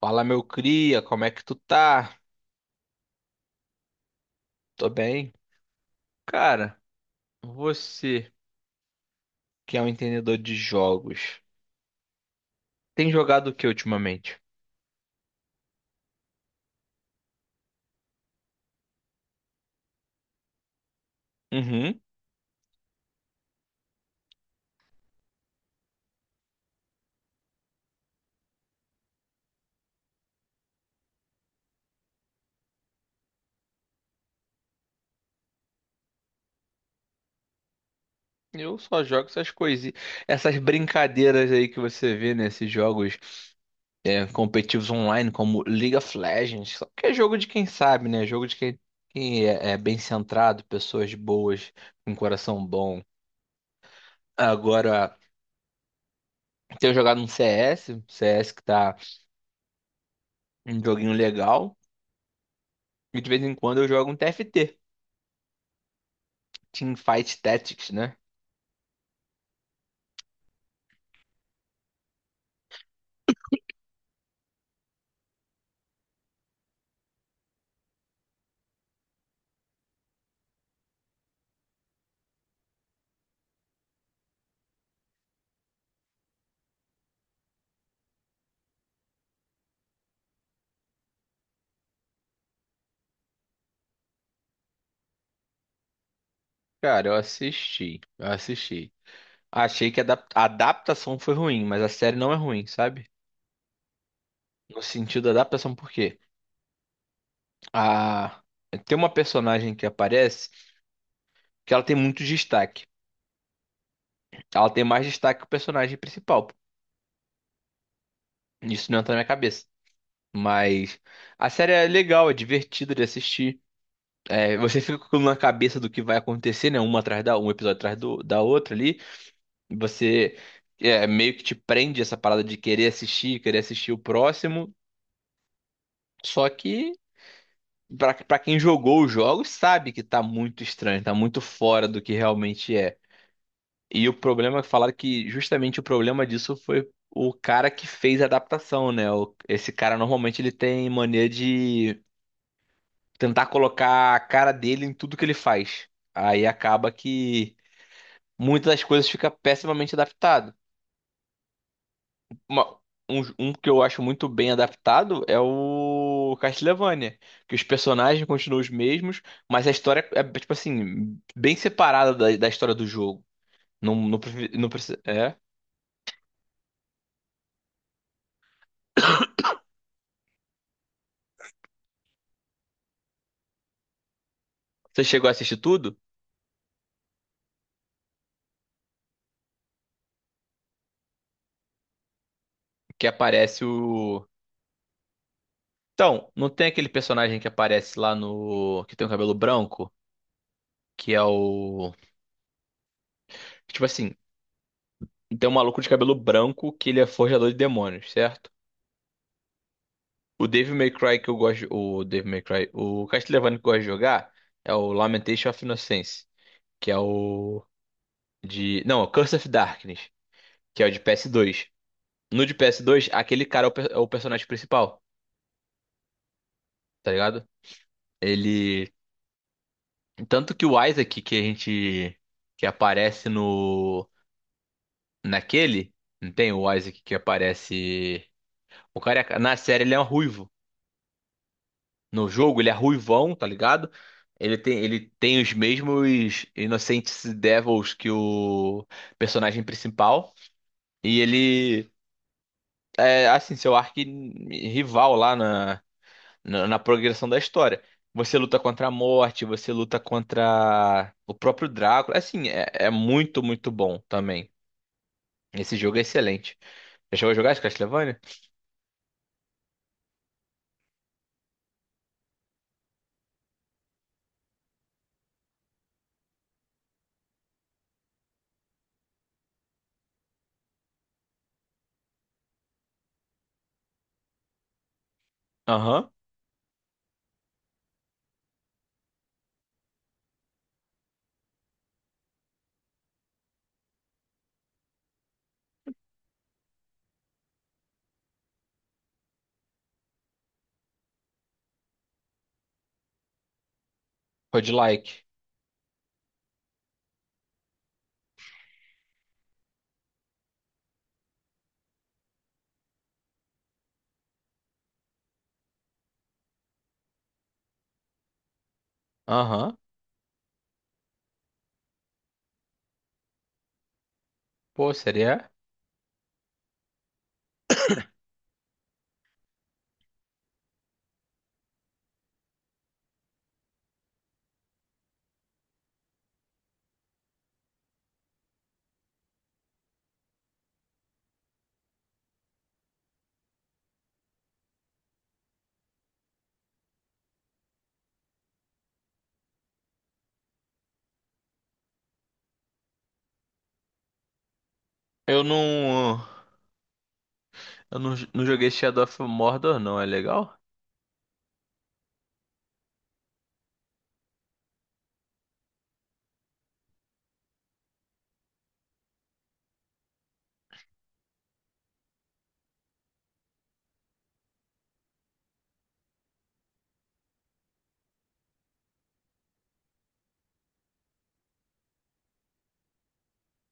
Fala, meu cria, como é que tu tá? Tô bem. Cara, você que é um entendedor de jogos, tem jogado o que ultimamente? Uhum. Eu só jogo essas coisinhas, essas brincadeiras aí que você vê nesses jogos competitivos online, como League of Legends, só que é jogo de quem sabe, né? Jogo de quem, quem é, é bem centrado, pessoas boas, com coração bom. Agora, tenho jogado um CS, CS que tá um joguinho legal. E de vez em quando eu jogo um TFT, Teamfight Tactics, né? Cara, eu assisti. Achei que a a adaptação foi ruim, mas a série não é ruim, sabe? No sentido da adaptação, por quê? A... Tem uma personagem que aparece que ela tem muito destaque. Ela tem mais destaque que o personagem principal. Isso não entra na minha cabeça. Mas a série é legal, é divertida de assistir. É, você fica com aquilo na cabeça do que vai acontecer, né? Uma atrás da Um episódio atrás da outra ali. Você Meio que te prende essa parada de querer assistir o próximo. Só que, pra quem jogou os jogos, sabe que tá muito estranho, tá muito fora do que realmente é. E o problema, falaram que justamente o problema disso foi o cara que fez a adaptação, né? Esse cara normalmente ele tem mania de tentar colocar a cara dele em tudo que ele faz. Aí acaba que muitas das coisas fica pessimamente adaptadas. uma- um que eu acho muito bem adaptado é o Castlevania, que os personagens continuam os mesmos, mas a história é tipo assim, bem separada da história do jogo. Não. Você chegou a assistir tudo? Que aparece o. Então, não tem aquele personagem que aparece lá no. Que tem o cabelo branco? Que é o. Tipo assim, tem um maluco de cabelo branco que ele é forjador de demônios, certo? O Devil May Cry que eu gosto. O Devil May Cry. O Castlevania que eu gosto de jogar é o Lamentation of Innocence. Que é o. De. Não, Curse of Darkness. Que é o de PS2. No de PS2, aquele cara é o personagem principal. Tá ligado? Ele. Tanto que o Isaac que a gente. Que aparece no. Naquele. Não tem o Isaac que aparece. Na série ele é um ruivo. No jogo, ele é ruivão, tá ligado? Ele tem os mesmos Innocent Devils que o personagem principal. E ele é, assim, seu arqui-rival lá na progressão da história. Você luta contra a morte, você luta contra o próprio Drácula. Assim, muito, muito bom também. Esse jogo é excelente. Já chegou a jogar esse Castlevania? Aham. Roguelike. Aham. Pô, seria? Eu não. Eu não, não joguei Shadow of Mordor, não. É legal?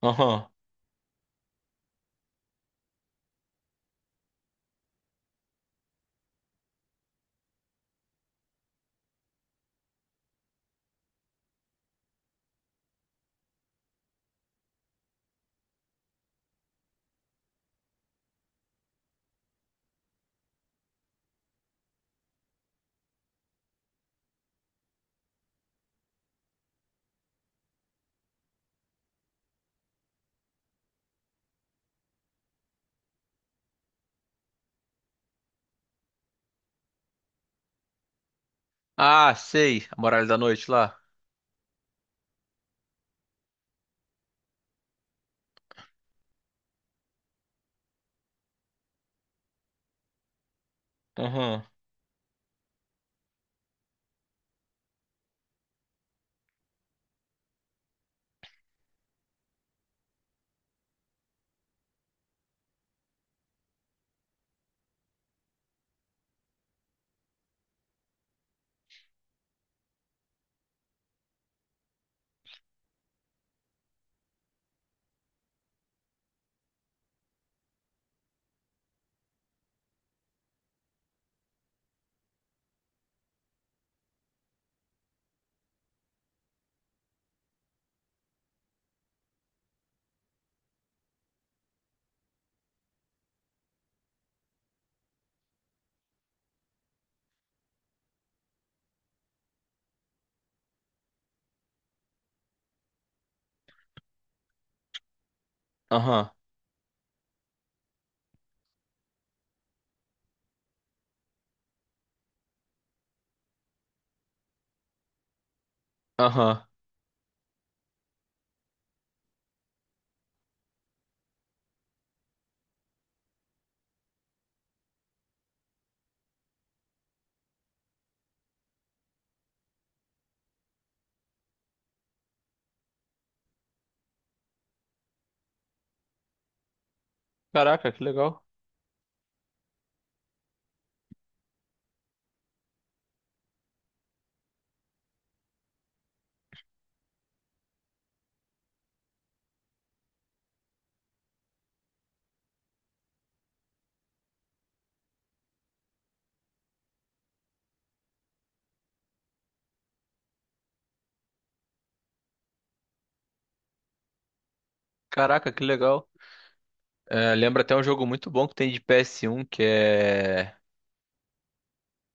Aham. Ah, sei. A Muralha da Noite lá. Aham. Aham. Aham. Caraca, que legal. Caraca, que legal. É, lembra até um jogo muito bom que tem de PS1 que é,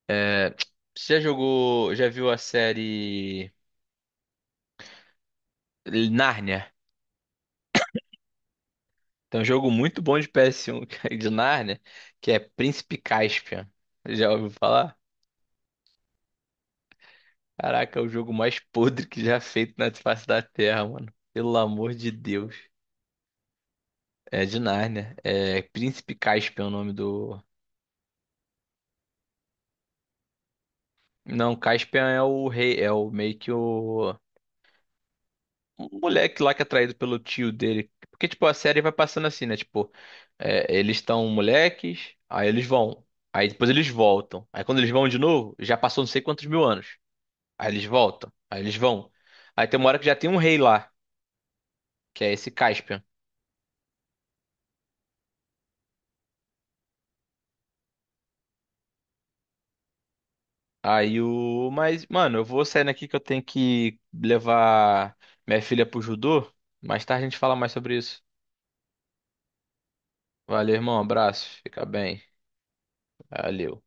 é. Você já jogou. Já viu a série Nárnia? Tem um jogo muito bom de PS1 que é de Nárnia que é Príncipe Caspian. Já ouviu falar? Caraca, é o jogo mais podre que já feito na face da Terra, mano. Pelo amor de Deus. É de Nárnia. É Príncipe Caspian é o nome do. Não, Caspian é o rei, é o meio que o. Um moleque lá que é traído pelo tio dele. Porque, tipo, a série vai passando assim, né? Tipo, é, eles estão moleques, aí eles vão. Aí depois eles voltam. Aí quando eles vão de novo, já passou não sei quantos mil anos. Aí eles voltam. Aí eles vão. Aí tem uma hora que já tem um rei lá, que é esse Caspian. Aí o. Mas, mano, eu vou saindo aqui que eu tenho que levar minha filha pro judô. Mais tarde a gente fala mais sobre isso. Valeu, irmão. Abraço. Fica bem. Valeu.